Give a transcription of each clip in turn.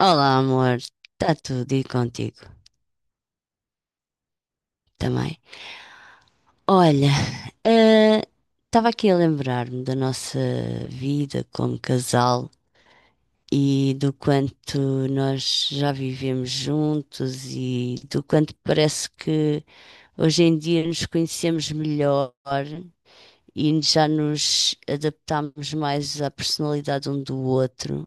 Olá, amor. Está tudo e contigo também. Olha, eh, estava aqui a lembrar-me da nossa vida como casal e do quanto nós já vivemos juntos e do quanto parece que hoje em dia nos conhecemos melhor e já nos adaptámos mais à personalidade um do outro.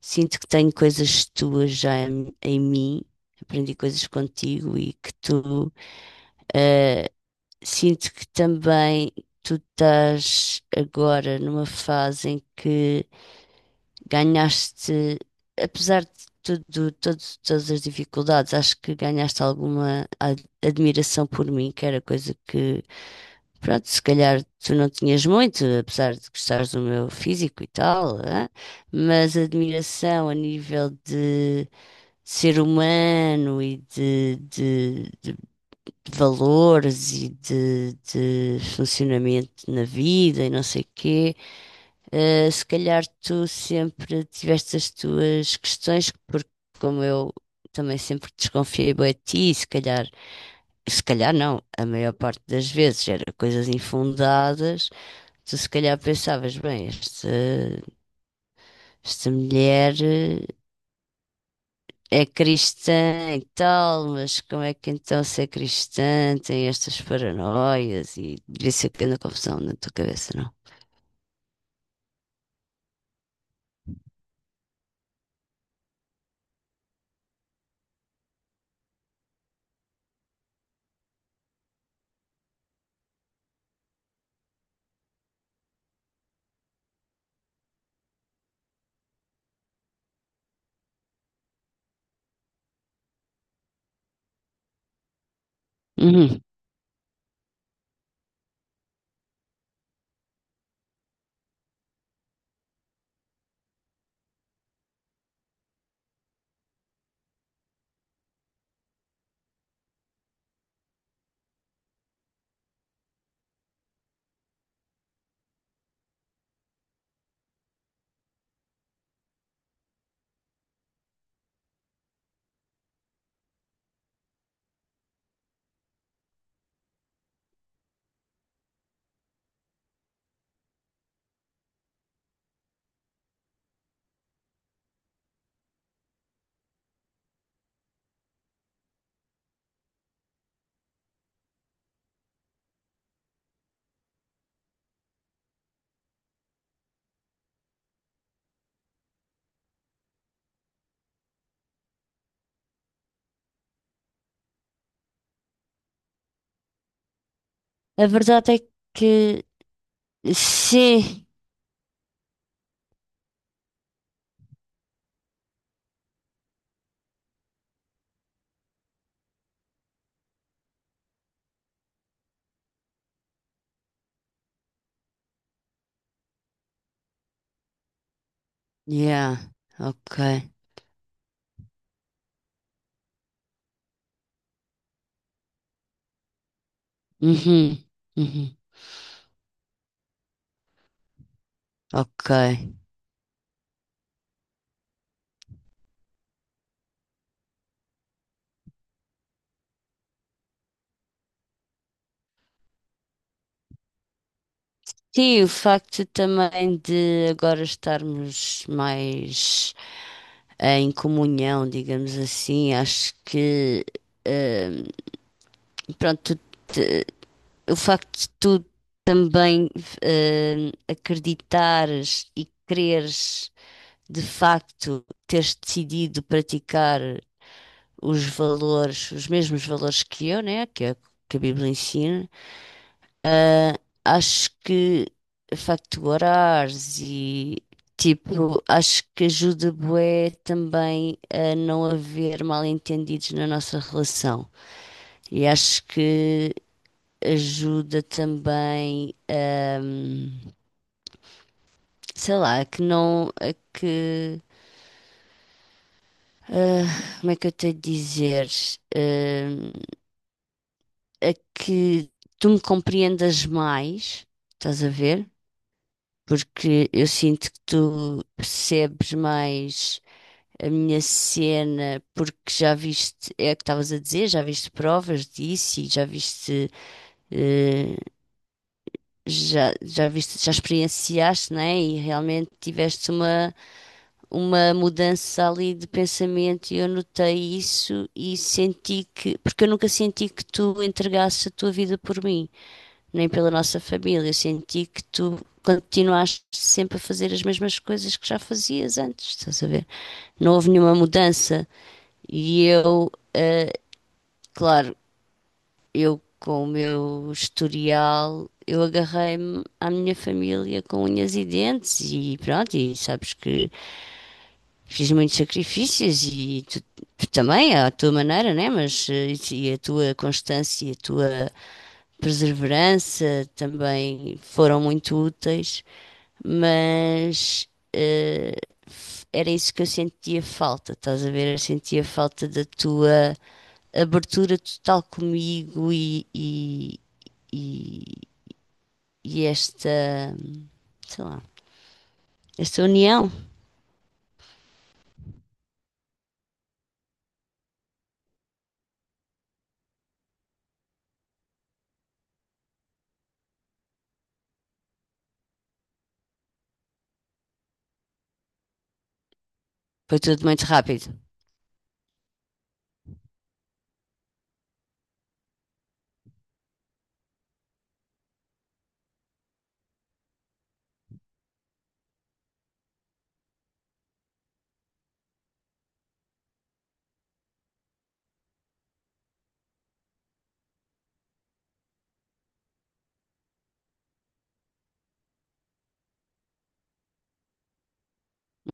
Sinto que tenho coisas tuas já em mim, aprendi coisas contigo e que tu. Ah, sinto que também tu estás agora numa fase em que ganhaste, apesar de tudo, todas as dificuldades, acho que ganhaste alguma admiração por mim, que era coisa que, pronto, se calhar tu não tinhas muito, apesar de gostares do meu físico e tal, hã? Mas admiração a nível de ser humano e de valores e de funcionamento na vida e não sei o quê, se calhar tu sempre tiveste as tuas questões, porque como eu também sempre desconfiei bem de ti, e se calhar, se calhar não, a maior parte das vezes era coisas infundadas, tu se calhar pensavas, bem, esta mulher. É cristã e tal, mas como é que então se é cristã tem estas paranoias e isso aqui na confusão na tua cabeça, não? Uhum. A verdade é que sim, yeah, ok, uhum. Uhum. Ok. Sim, o facto também de agora estarmos mais em comunhão, digamos assim, acho que eh, pronto, o facto de tu também acreditares e quereres de facto teres decidido praticar os valores, os mesmos valores que eu, né, que a Bíblia ensina, ah, acho que o facto de orares e tipo, acho que ajuda bué também a não haver mal-entendidos na nossa relação. E acho que ajuda também, sei lá, a que não, a que, como é que eu tenho de dizer, Ahm, a que tu me compreendas mais, estás a ver? Porque eu sinto que tu percebes mais a minha cena, porque já viste, é o que estavas a dizer, já viste provas disso e já viste eh, já viste, já experienciaste, né? E realmente tiveste uma mudança ali de pensamento e eu notei isso e senti que, porque eu nunca senti que tu entregasses a tua vida por mim, nem pela nossa família. Eu senti que tu continuaste sempre a fazer as mesmas coisas que já fazias antes, estás a ver? Não houve nenhuma mudança. E eu, claro, eu com o meu historial, eu agarrei-me à minha família com unhas e dentes e pronto, e sabes que fiz muitos sacrifícios e tu também, à tua maneira, né? Mas e a tua constância e a tua perseverança também foram muito úteis, mas era isso que eu sentia falta, estás a ver? Eu sentia falta da tua abertura total comigo e, e esta, sei lá, esta união. Foi tudo muito rápido.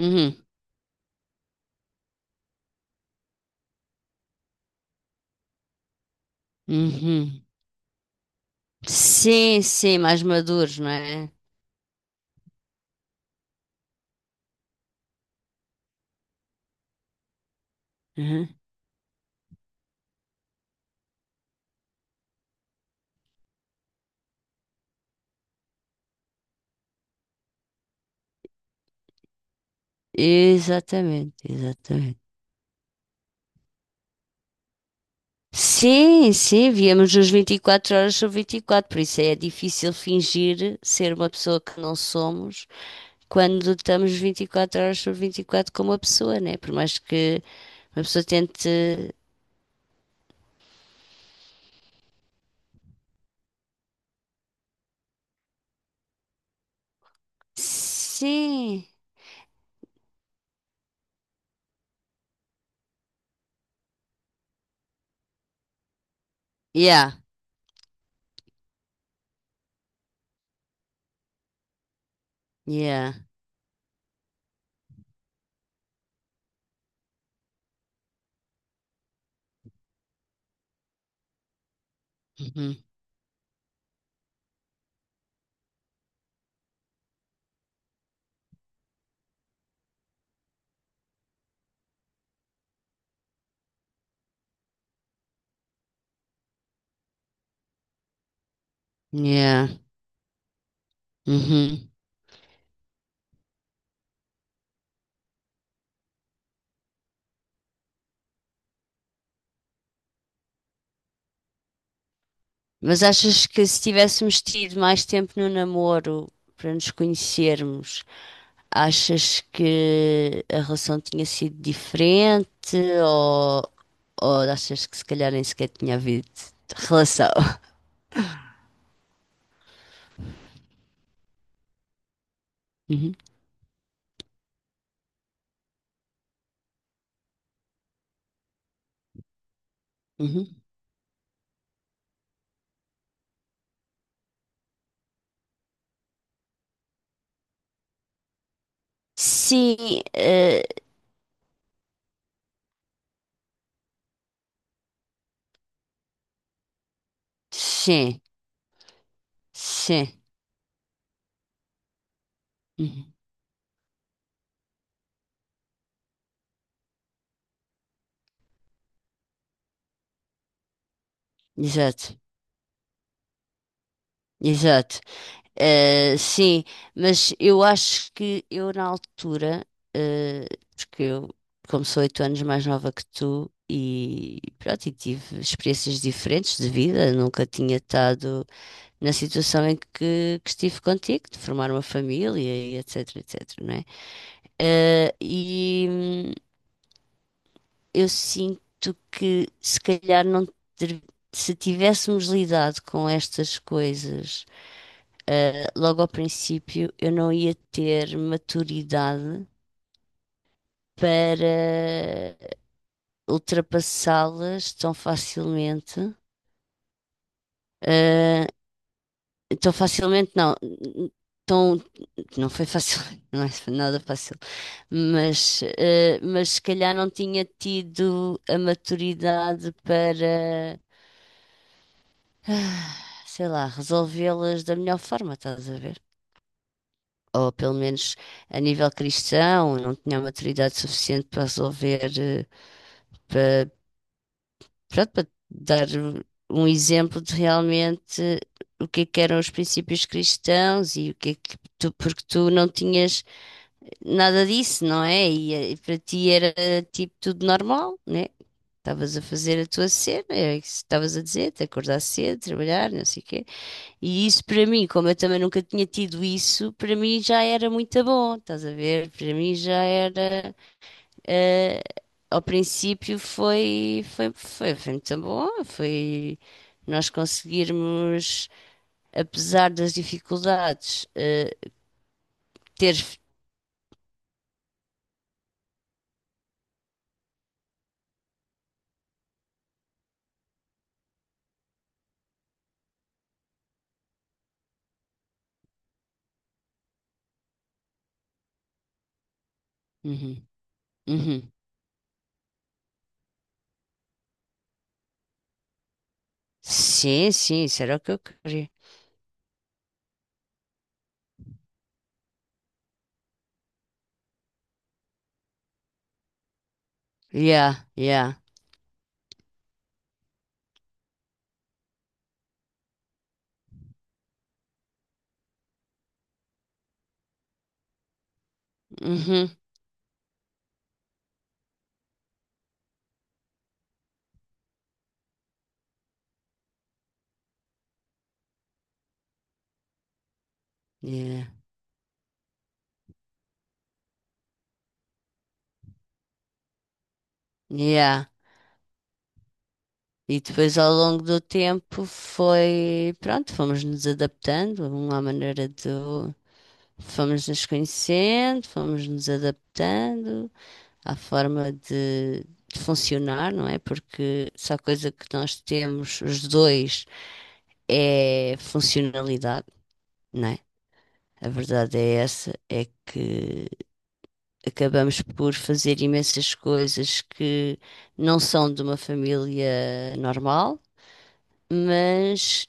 Uhum, uhum. Sim, sim, mais maduros, não é? Uhum. Exatamente, exatamente. Sim, sim, víamos os 24 horas sobre 24, por isso é difícil fingir ser uma pessoa que não somos quando estamos 24 horas sobre 24 com uma pessoa, né? Por mais que uma pessoa tente. Sim, yeah, yeah, uhum. Yeah, uhum. Mas achas que se tivéssemos tido mais tempo no namoro para nos conhecermos? Achas que a relação tinha sido diferente ou, ou, achas que se calhar nem sequer tinha havido relação? Uhum, uhum. Sim, eh, sim, sim. Uhum. Exato, exato. Sim, mas eu acho que eu na altura, eh, porque eu, como sou 8 anos mais nova que tu, e pronto, e tive experiências diferentes de vida, nunca tinha estado, na situação em que estive contigo, de formar uma família e etc, etc, não é? E eu sinto que se calhar não ter- se tivéssemos lidado com estas coisas logo ao princípio, eu não ia ter maturidade para ultrapassá-las tão facilmente. eh, Estou facilmente, não. Tão, não foi fácil, não é nada fácil. Mas se calhar não tinha tido a maturidade para, sei lá, resolvê-las da melhor forma, estás a ver? Ou pelo menos a nível cristão, não tinha a maturidade suficiente para resolver, para, pronto, para dar um exemplo de realmente o que é que eram os princípios cristãos e o que é que tu, porque tu não tinhas, nada disso, não é? E, para ti era tipo tudo normal, né? Estavas a fazer a tua cena, é isso que estavas a dizer, te acordar cedo, trabalhar, não sei o quê. E isso para mim, como eu também nunca tinha tido isso, para mim já era muito bom, estás a ver? Para mim já era. eh, ao princípio foi, muito bom, foi nós conseguirmos, apesar das dificuldades, ter. Uhum, uhum. Sim, sim, será que eu queria? Yeah, yeah. Uhum. Yeah, yeah. E depois ao longo do tempo foi, pronto, fomos nos adaptando, uma maneira de fomos nos conhecendo, fomos nos adaptando à forma de funcionar, não é? Porque só a coisa que nós temos os dois é funcionalidade, não é? A verdade é essa, é que acabamos por fazer imensas coisas que não são de uma família normal, mas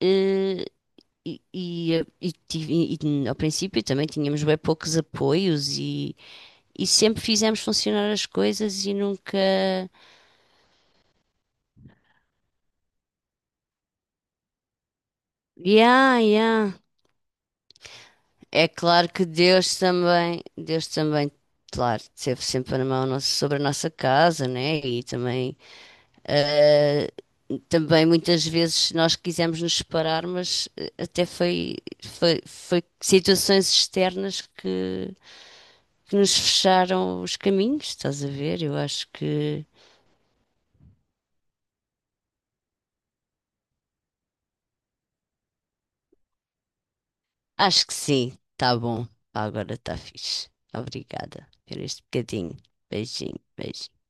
eh, e, e, e tive- e ao princípio também tínhamos bem poucos apoios e sempre fizemos funcionar as coisas e nunca. Yeah, yeah. É claro que Deus também, claro, esteve sempre na mão nossa- sobre a nossa casa, né? E também. Ah, também muitas vezes nós quisemos nos separar, mas até foi, situações externas que nos fecharam os caminhos, estás a ver? Eu acho que sim, tá bom. Agora tá fixe. Obrigada por este bocadinho. Beijinho, beijinho.